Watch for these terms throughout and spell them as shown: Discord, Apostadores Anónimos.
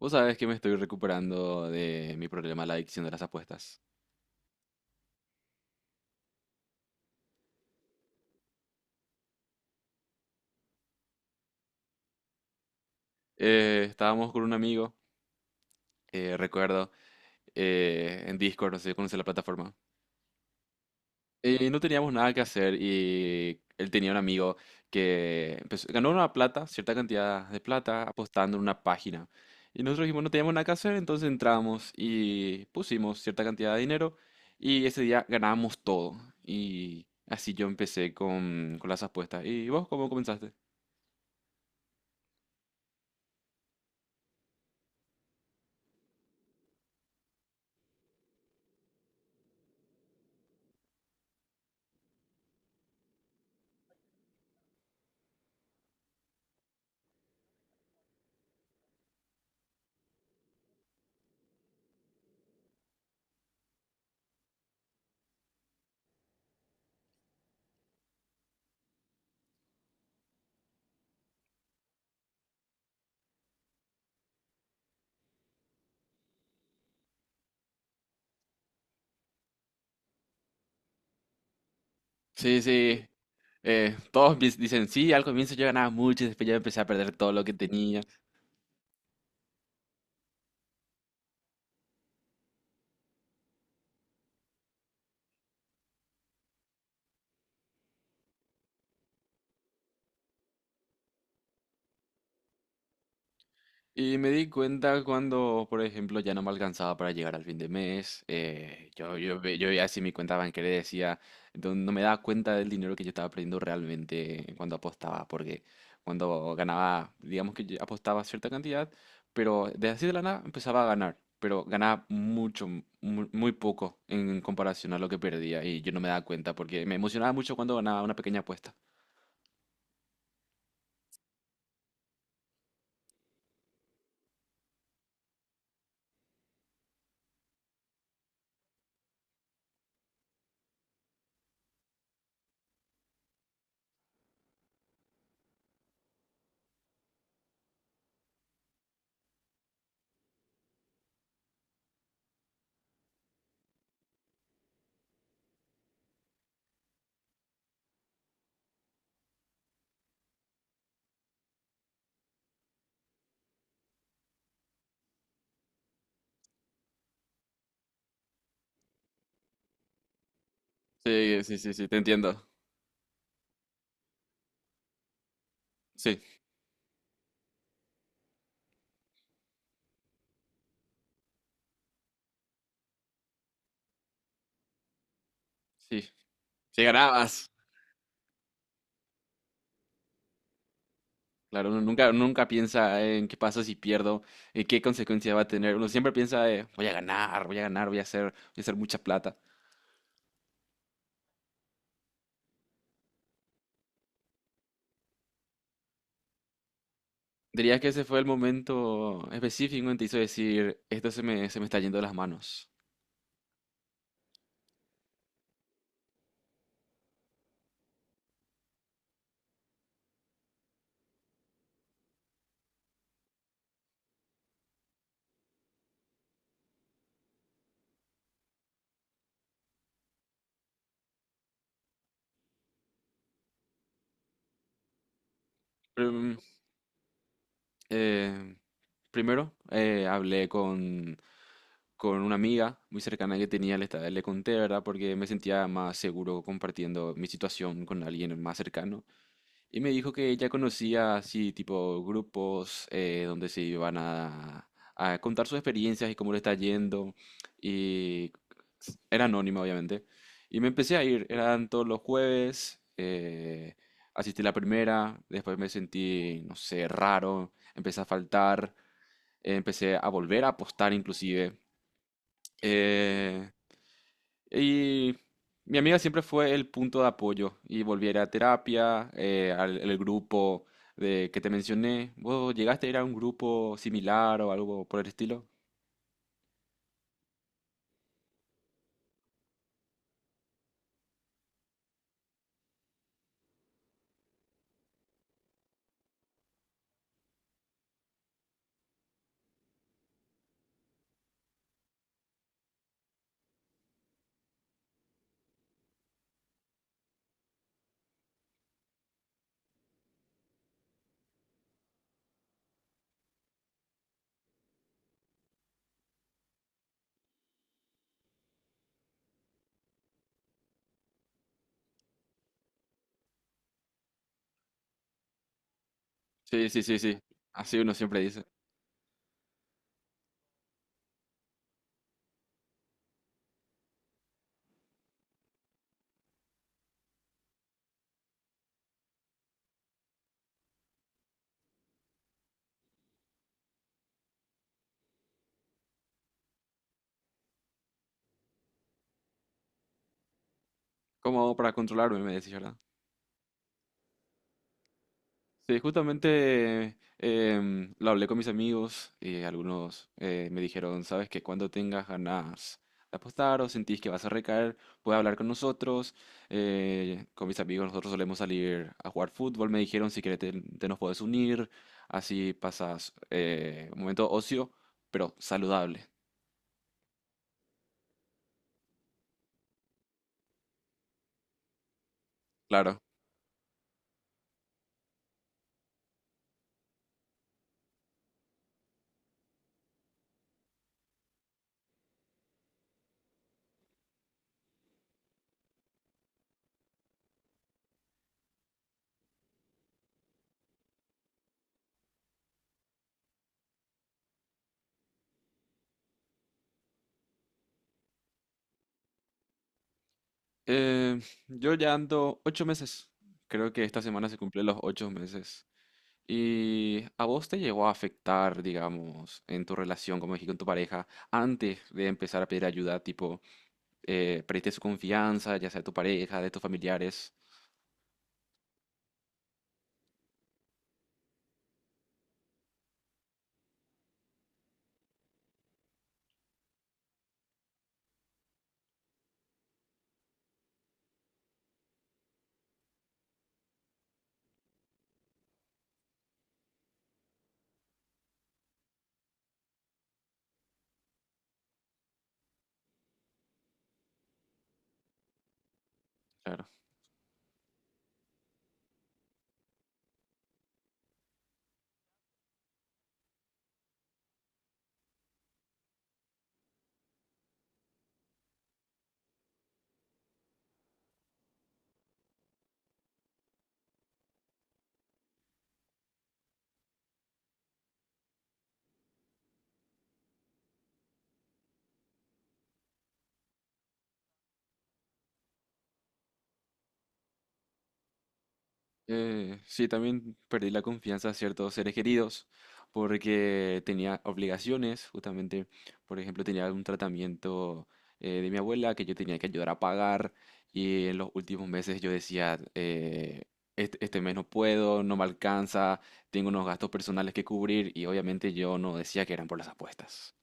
Vos sabés que me estoy recuperando de mi problema, la adicción de las apuestas. Estábamos con un amigo, eh, recuerdo, en Discord, no sé si conoces la plataforma. No teníamos nada que hacer y él tenía un amigo que ganó una plata, cierta cantidad de plata, apostando en una página. Y nosotros dijimos, no teníamos nada que hacer, entonces entramos y pusimos cierta cantidad de dinero y ese día ganábamos todo. Y así yo empecé con las apuestas. ¿Y vos cómo comenzaste? Sí, sí. Todos dicen, sí, al comienzo yo ganaba mucho y después ya empecé a perder todo lo que tenía. Y me di cuenta cuando, por ejemplo, ya no me alcanzaba para llegar al fin de mes. Yo veía así mi cuenta bancaria y decía, no, no me daba cuenta del dinero que yo estaba perdiendo realmente cuando apostaba, porque cuando ganaba, digamos que yo apostaba cierta cantidad, pero de así de la nada empezaba a ganar, pero ganaba muy poco en comparación a lo que perdía y yo no me daba cuenta porque me emocionaba mucho cuando ganaba una pequeña apuesta. Sí, sí, sí, sí, te entiendo. Sí, sí. Si ganabas. Claro, uno nunca, nunca piensa en qué pasa si pierdo, en qué consecuencia va a tener. Uno siempre piensa, voy a ganar, voy a ganar, voy a hacer mucha plata. Diría que ese fue el momento específico en que te hizo decir, esto se me está yendo de las manos. Prim- eh, Primero, hablé con una amiga muy cercana que tenía, le conté, ¿verdad? Porque me sentía más seguro compartiendo mi situación con alguien más cercano. Y me dijo que ella conocía así tipo grupos donde se iban a contar sus experiencias y cómo le está yendo. Y Era anónima, obviamente. Y me empecé a ir. Eran todos los jueves. Asistí la primera. Después me sentí, no sé, raro. Empecé a faltar. Empecé a volver a apostar inclusive. Eh, y mi amiga siempre fue el punto de apoyo y volví a ir a terapia, al el grupo de que te mencioné. ¿Vos llegaste a ir a un grupo similar o algo por el estilo? Sí, sí, sí, sí. Así uno siempre dice. ¿Cómo hago para controlarme? Me decís, ¿verdad? Sí, justamente lo hablé con mis amigos y algunos me dijeron, sabes que cuando tengas ganas de apostar o sentís que vas a recaer, puedes hablar con nosotros. Con mis amigos nosotros solemos salir a jugar fútbol, me dijeron, si querés te nos puedes unir, así pasas un momento ocio, pero saludable. Claro. Eh, yo ya ando ocho meses, creo que esta semana se cumplen los ocho meses. ¿Y a vos te llegó a afectar, digamos, en tu relación, como dije, con tu pareja, antes de empezar a pedir ayuda, tipo, perdiste su confianza, ya sea de tu pareja, de tus familiares? Claro. Sí, también perdí la confianza a ciertos seres queridos porque tenía obligaciones, justamente, por ejemplo, tenía un tratamiento de mi abuela que yo tenía que ayudar a pagar y en los últimos meses yo decía, este mes no puedo, no me alcanza, tengo unos gastos personales que cubrir y obviamente yo no decía que eran por las apuestas.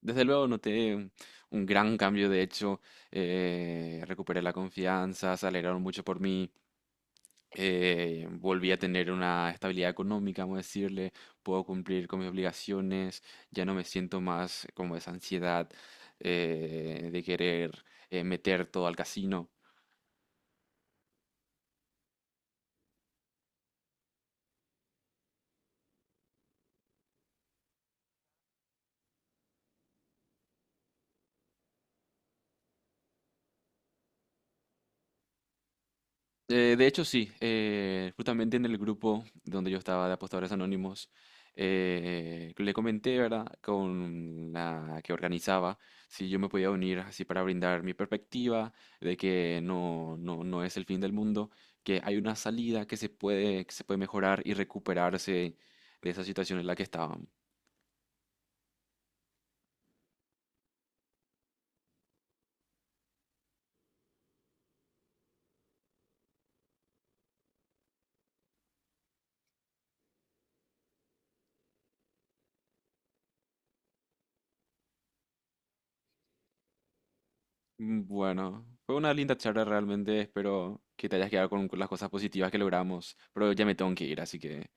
Desde luego noté un gran cambio, de hecho, recuperé la confianza, se alegraron mucho por mí. Volví a tener una estabilidad económica, vamos a decirle, puedo cumplir con mis obligaciones, ya no me siento más como esa ansiedad de querer meter todo al casino. De hecho, sí. Justamente en el grupo donde yo estaba de Apostadores Anónimos, le comenté, ¿verdad?, con la que organizaba, si yo me podía unir así para brindar mi perspectiva de que no es el fin del mundo, que hay una salida que se puede mejorar y recuperarse de esa situación en la que estaban. Mm, bueno, fue una linda charla realmente. Espero que te hayas quedado con las cosas positivas que logramos, pero ya me tengo que ir, así que